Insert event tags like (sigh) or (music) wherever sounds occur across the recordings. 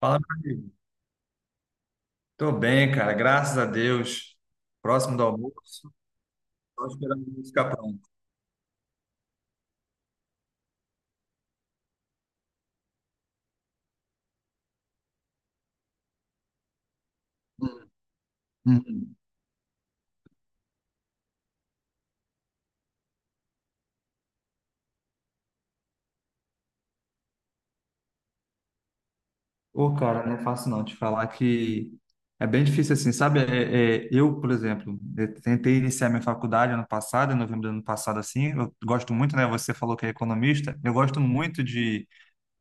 Fala, meu amigo. Tô bem, cara, graças a Deus. Próximo do almoço, só esperando o almoço ficar pronto. Uhum. Ô, cara, não é fácil não te falar que é bem difícil assim, sabe? Eu, por exemplo, eu tentei iniciar minha faculdade ano passado, em novembro do ano passado, assim. Eu gosto muito, né? Você falou que é economista. Eu gosto muito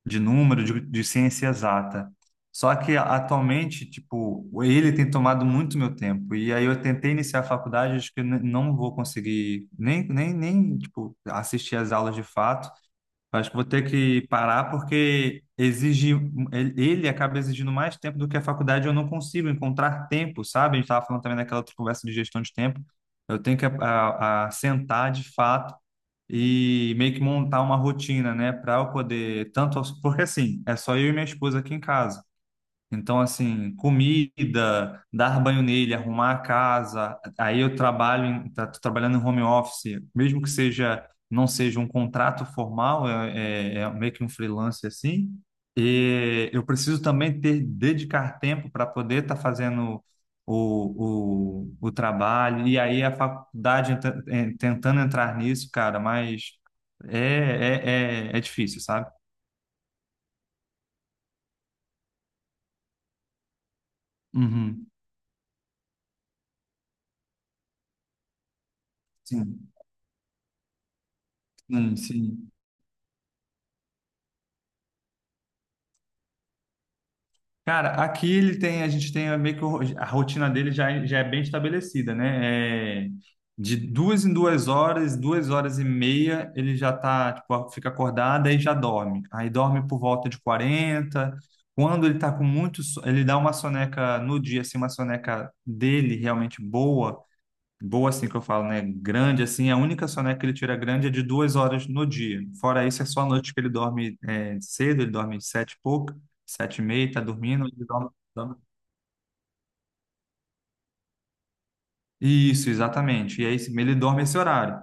de número, de ciência exata. Só que atualmente, tipo, ele tem tomado muito meu tempo. E aí eu tentei iniciar a faculdade, acho que não vou conseguir nem, tipo, assistir às aulas de fato. Acho que vou ter que parar porque exige, ele acaba exigindo mais tempo do que a faculdade. Eu não consigo encontrar tempo, sabe? A gente estava falando também naquela outra conversa de gestão de tempo. Eu tenho que a sentar de fato e meio que montar uma rotina, né, para eu poder tanto porque assim, é só eu e minha esposa aqui em casa. Então, assim, comida, dar banho nele, arrumar a casa. Aí eu trabalho, tô trabalhando em home office, mesmo que seja, não seja um contrato formal, é meio que um freelance assim. E eu preciso também ter, dedicar tempo para poder estar fazendo o trabalho. E aí a faculdade tentando entrar nisso, cara, mas é, é difícil, sabe? Uhum. Sim, sim, sim. Cara, aqui ele tem, a gente tem meio que a rotina dele já, já é bem estabelecida, né? É, de duas em duas horas e meia, ele já tá, tipo, fica acordado aí já dorme. Aí dorme por volta de 40. Quando ele tá com muito, ele dá uma soneca no dia, assim, uma soneca dele realmente boa, boa assim que eu falo, né? Grande assim, a única soneca que ele tira grande é de duas horas no dia. Fora isso, é só a noite que ele dorme é, cedo, ele dorme sete e pouco, sete e meia, tá dormindo, ele dorme. Isso, exatamente. E aí ele dorme esse horário.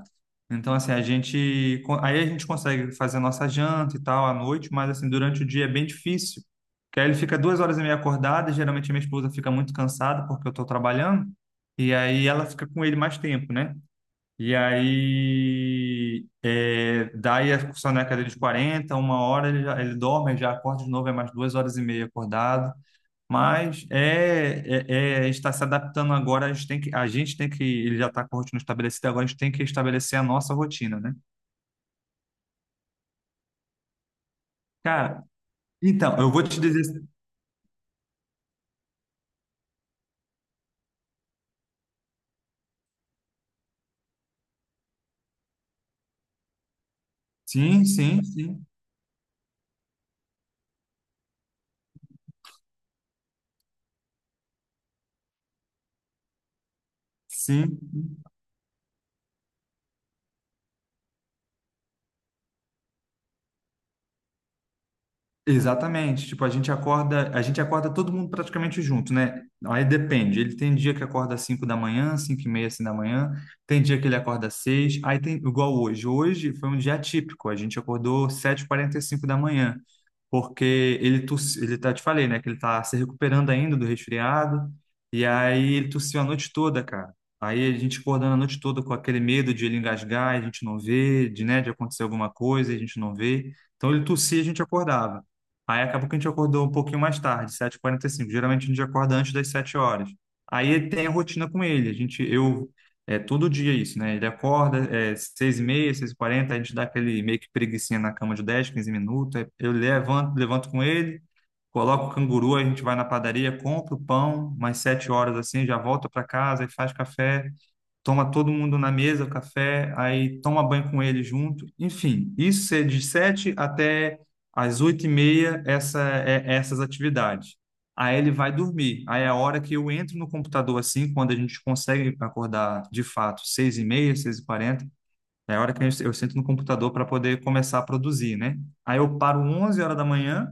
Então, assim, a gente. Aí a gente consegue fazer a nossa janta e tal à noite, mas assim, durante o dia é bem difícil. Porque aí ele fica duas horas e meia acordado, e geralmente a minha esposa fica muito cansada porque eu estou trabalhando, e aí ela fica com ele mais tempo, né? E aí, é, daí a discussão na cadeira de 40 uma hora ele, já, ele dorme, ele já acorda de novo, é mais duas horas e meia acordado. Mas está se adaptando agora, a gente tem que, a gente tem que, ele já está com a rotina estabelecida, agora a gente tem que estabelecer a nossa rotina, né? Cara, então, eu vou te dizer, sim, sim, sim, sim. Exatamente. Tipo, a gente acorda todo mundo praticamente junto, né? Aí depende. Ele tem dia que acorda às 5 da manhã, 5 e meia, assim da manhã. Tem dia que ele acorda às 6. Aí tem, igual hoje. Hoje foi um dia atípico. A gente acordou sete e quarenta e cinco da manhã. Porque ele tossiu, ele tá, te falei, né? Que ele tá se recuperando ainda do resfriado. E aí ele tossiu a noite toda, cara. Aí a gente acordando a noite toda com aquele medo de ele engasgar, e a gente não vê, de, né, de acontecer alguma coisa, e a gente não vê. Então ele tossia e a gente acordava. Aí acabou que a gente acordou um pouquinho mais tarde, sete e quarenta e cinco. Geralmente a gente acorda antes das 7 horas. Aí tem a rotina com ele. A gente, eu, é todo dia isso, né? Ele acorda, é 6h30, 6h40, a gente dá aquele meio que preguicinha na cama de 10, 15 minutos. Aí eu levanto, com ele, coloco o canguru, a gente vai na padaria, compra o pão, mais 7 horas assim, já volta para casa e faz café, toma todo mundo na mesa, o café, aí toma banho com ele junto. Enfim, isso é de sete até às oito e meia, é essas atividades. Aí ele vai dormir. Aí é a hora que eu entro no computador assim, quando a gente consegue acordar de fato, seis e meia, seis e quarenta, é a hora que eu sento no computador para poder começar a produzir, né? Aí eu paro 11 horas da manhã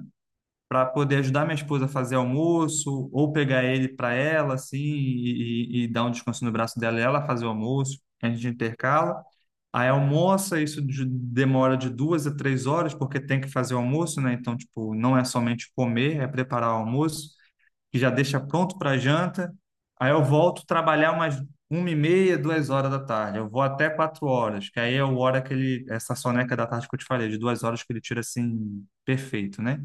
para poder ajudar minha esposa a fazer almoço, ou pegar ele para ela, assim, e dar um descanso no braço dela e ela fazer o almoço, a gente intercala. Aí almoça, isso demora de duas a três horas, porque tem que fazer o almoço, né? Então, tipo, não é somente comer, é preparar o almoço, que já deixa pronto para janta. Aí eu volto trabalhar umas uma e meia, duas horas da tarde. Eu vou até quatro horas, que aí é o hora que ele, essa soneca da tarde que eu te falei, de duas horas que ele tira assim, perfeito, né?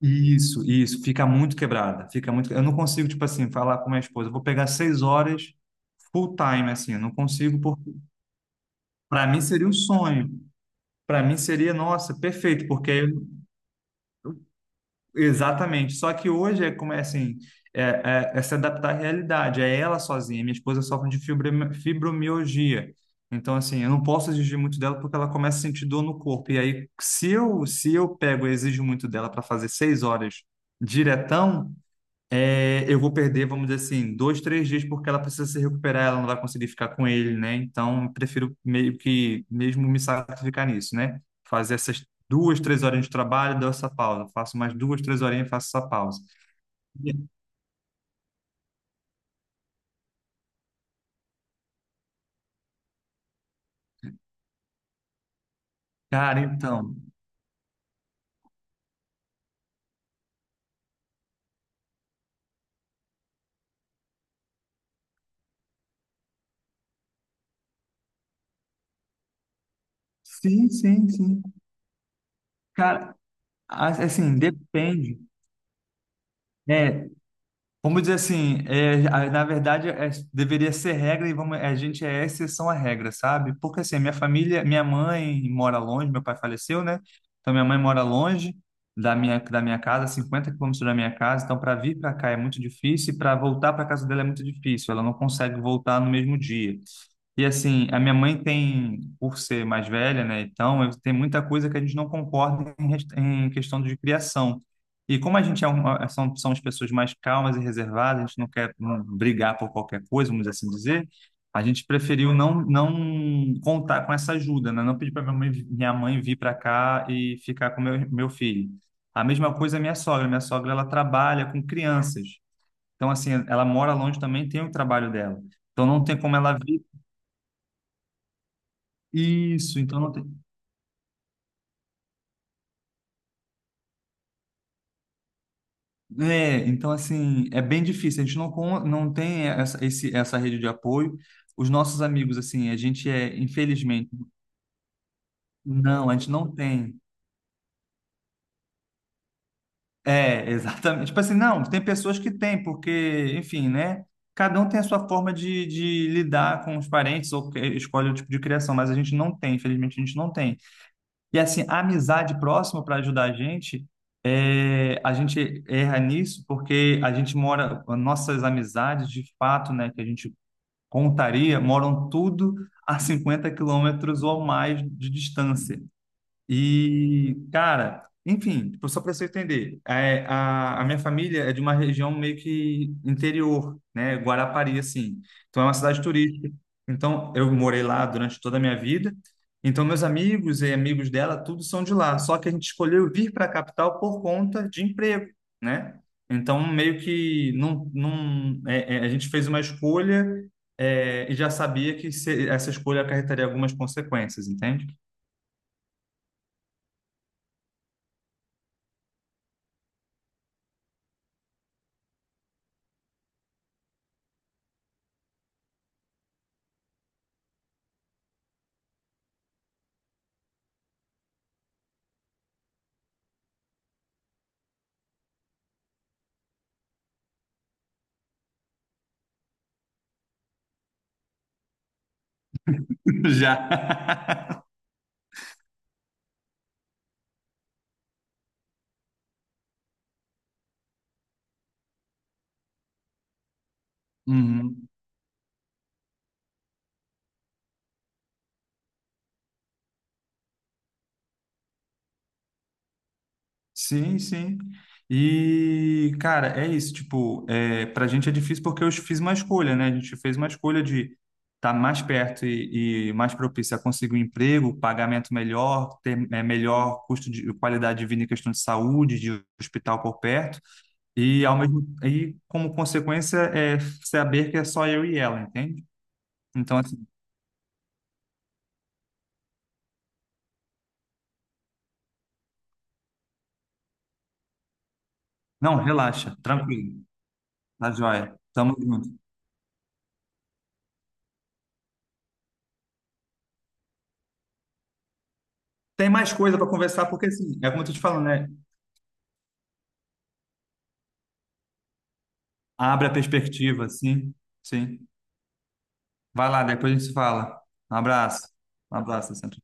Isso, fica muito quebrada, fica muito. Eu não consigo, tipo assim, falar com minha esposa, eu vou pegar seis horas full time, assim, eu não consigo, porque para mim seria um sonho, para mim seria, nossa, perfeito, porque aí. Exatamente. Só que hoje é como é assim, é, é se adaptar à realidade, é ela sozinha. Minha esposa sofre de fibromialgia, então assim, eu não posso exigir muito dela porque ela começa a sentir dor no corpo. E aí, se eu pego e exijo muito dela para fazer seis horas diretão, eu vou perder, vamos dizer assim, dois, três dias porque ela precisa se recuperar, ela não vai conseguir ficar com ele, né? Então, eu prefiro meio que mesmo me sacrificar nisso, né? Fazer essas duas, três horinhas de trabalho, dou essa pausa. Faço mais duas, três horinhas e faço essa pausa. E, cara, então. Sim, sim, sim. Cara, assim, depende, né? Vamos dizer assim, na verdade deveria ser regra e vamos, a gente é exceção à regra, sabe? Porque assim, minha família, minha mãe mora longe, meu pai faleceu, né? Então minha mãe mora longe da minha casa, 50 quilômetros da minha casa, então para vir para cá é muito difícil e para voltar para casa dela é muito difícil, ela não consegue voltar no mesmo dia. E assim, a minha mãe tem, por ser mais velha, né? Então, tem muita coisa que a gente não concorda em, em questão de criação. E como a gente é são as pessoas mais calmas e reservadas, a gente não quer brigar por qualquer coisa, vamos assim dizer, a gente preferiu não, não contar com essa ajuda, né? Não pedir para minha mãe, vir para cá e ficar com meu filho. A mesma coisa a minha sogra. Minha sogra, ela trabalha com crianças. Então, assim, ela mora longe também, tem o trabalho dela. Então não tem como ela vir, isso, então não tem. É, então assim, é bem difícil. A gente não, não tem essa rede de apoio. Os nossos amigos, assim, a gente é, infelizmente, não, a gente não tem. É, (laughs) exatamente. Tipo assim, não, tem pessoas que têm, porque, enfim, né? Cada um tem a sua forma de lidar com os parentes escolhe o tipo de criação, mas a gente não tem, infelizmente, a gente não tem. E assim, a amizade próxima para ajudar a gente, é, a gente erra nisso porque a gente mora, nossas amizades de fato, né, que a gente contaria, moram tudo a 50 quilômetros ou mais de distância. E, cara, enfim, tipo, só para você entender, é, a minha família é de uma região meio que interior, né? Guarapari, assim. Então é uma cidade turística. Então eu morei lá durante toda a minha vida. Então meus amigos e amigos dela, tudo são de lá. Só que a gente escolheu vir para a capital por conta de emprego, né? Então meio que não, não, a gente fez uma escolha, e já sabia que essa escolha acarretaria algumas consequências, entende? Já. (laughs) Uhum. Sim, sim. E, cara, é isso. Tipo, pra gente é difícil porque eu fiz uma escolha, né? A gente fez uma escolha de estar mais perto e mais propício a conseguir um emprego, pagamento melhor, ter melhor custo de qualidade de vida em questão de saúde, de hospital por perto. E, ao mesmo, e como consequência, é saber que é só eu e ela, entende? Então, assim, não, relaxa, tranquilo, tá joia. Tamo junto. Tem mais coisa para conversar, porque assim, é como eu tô te falando, né? Abre a perspectiva, sim, sim. Vai lá, depois a gente se fala. Um abraço. Um abraço, sempre.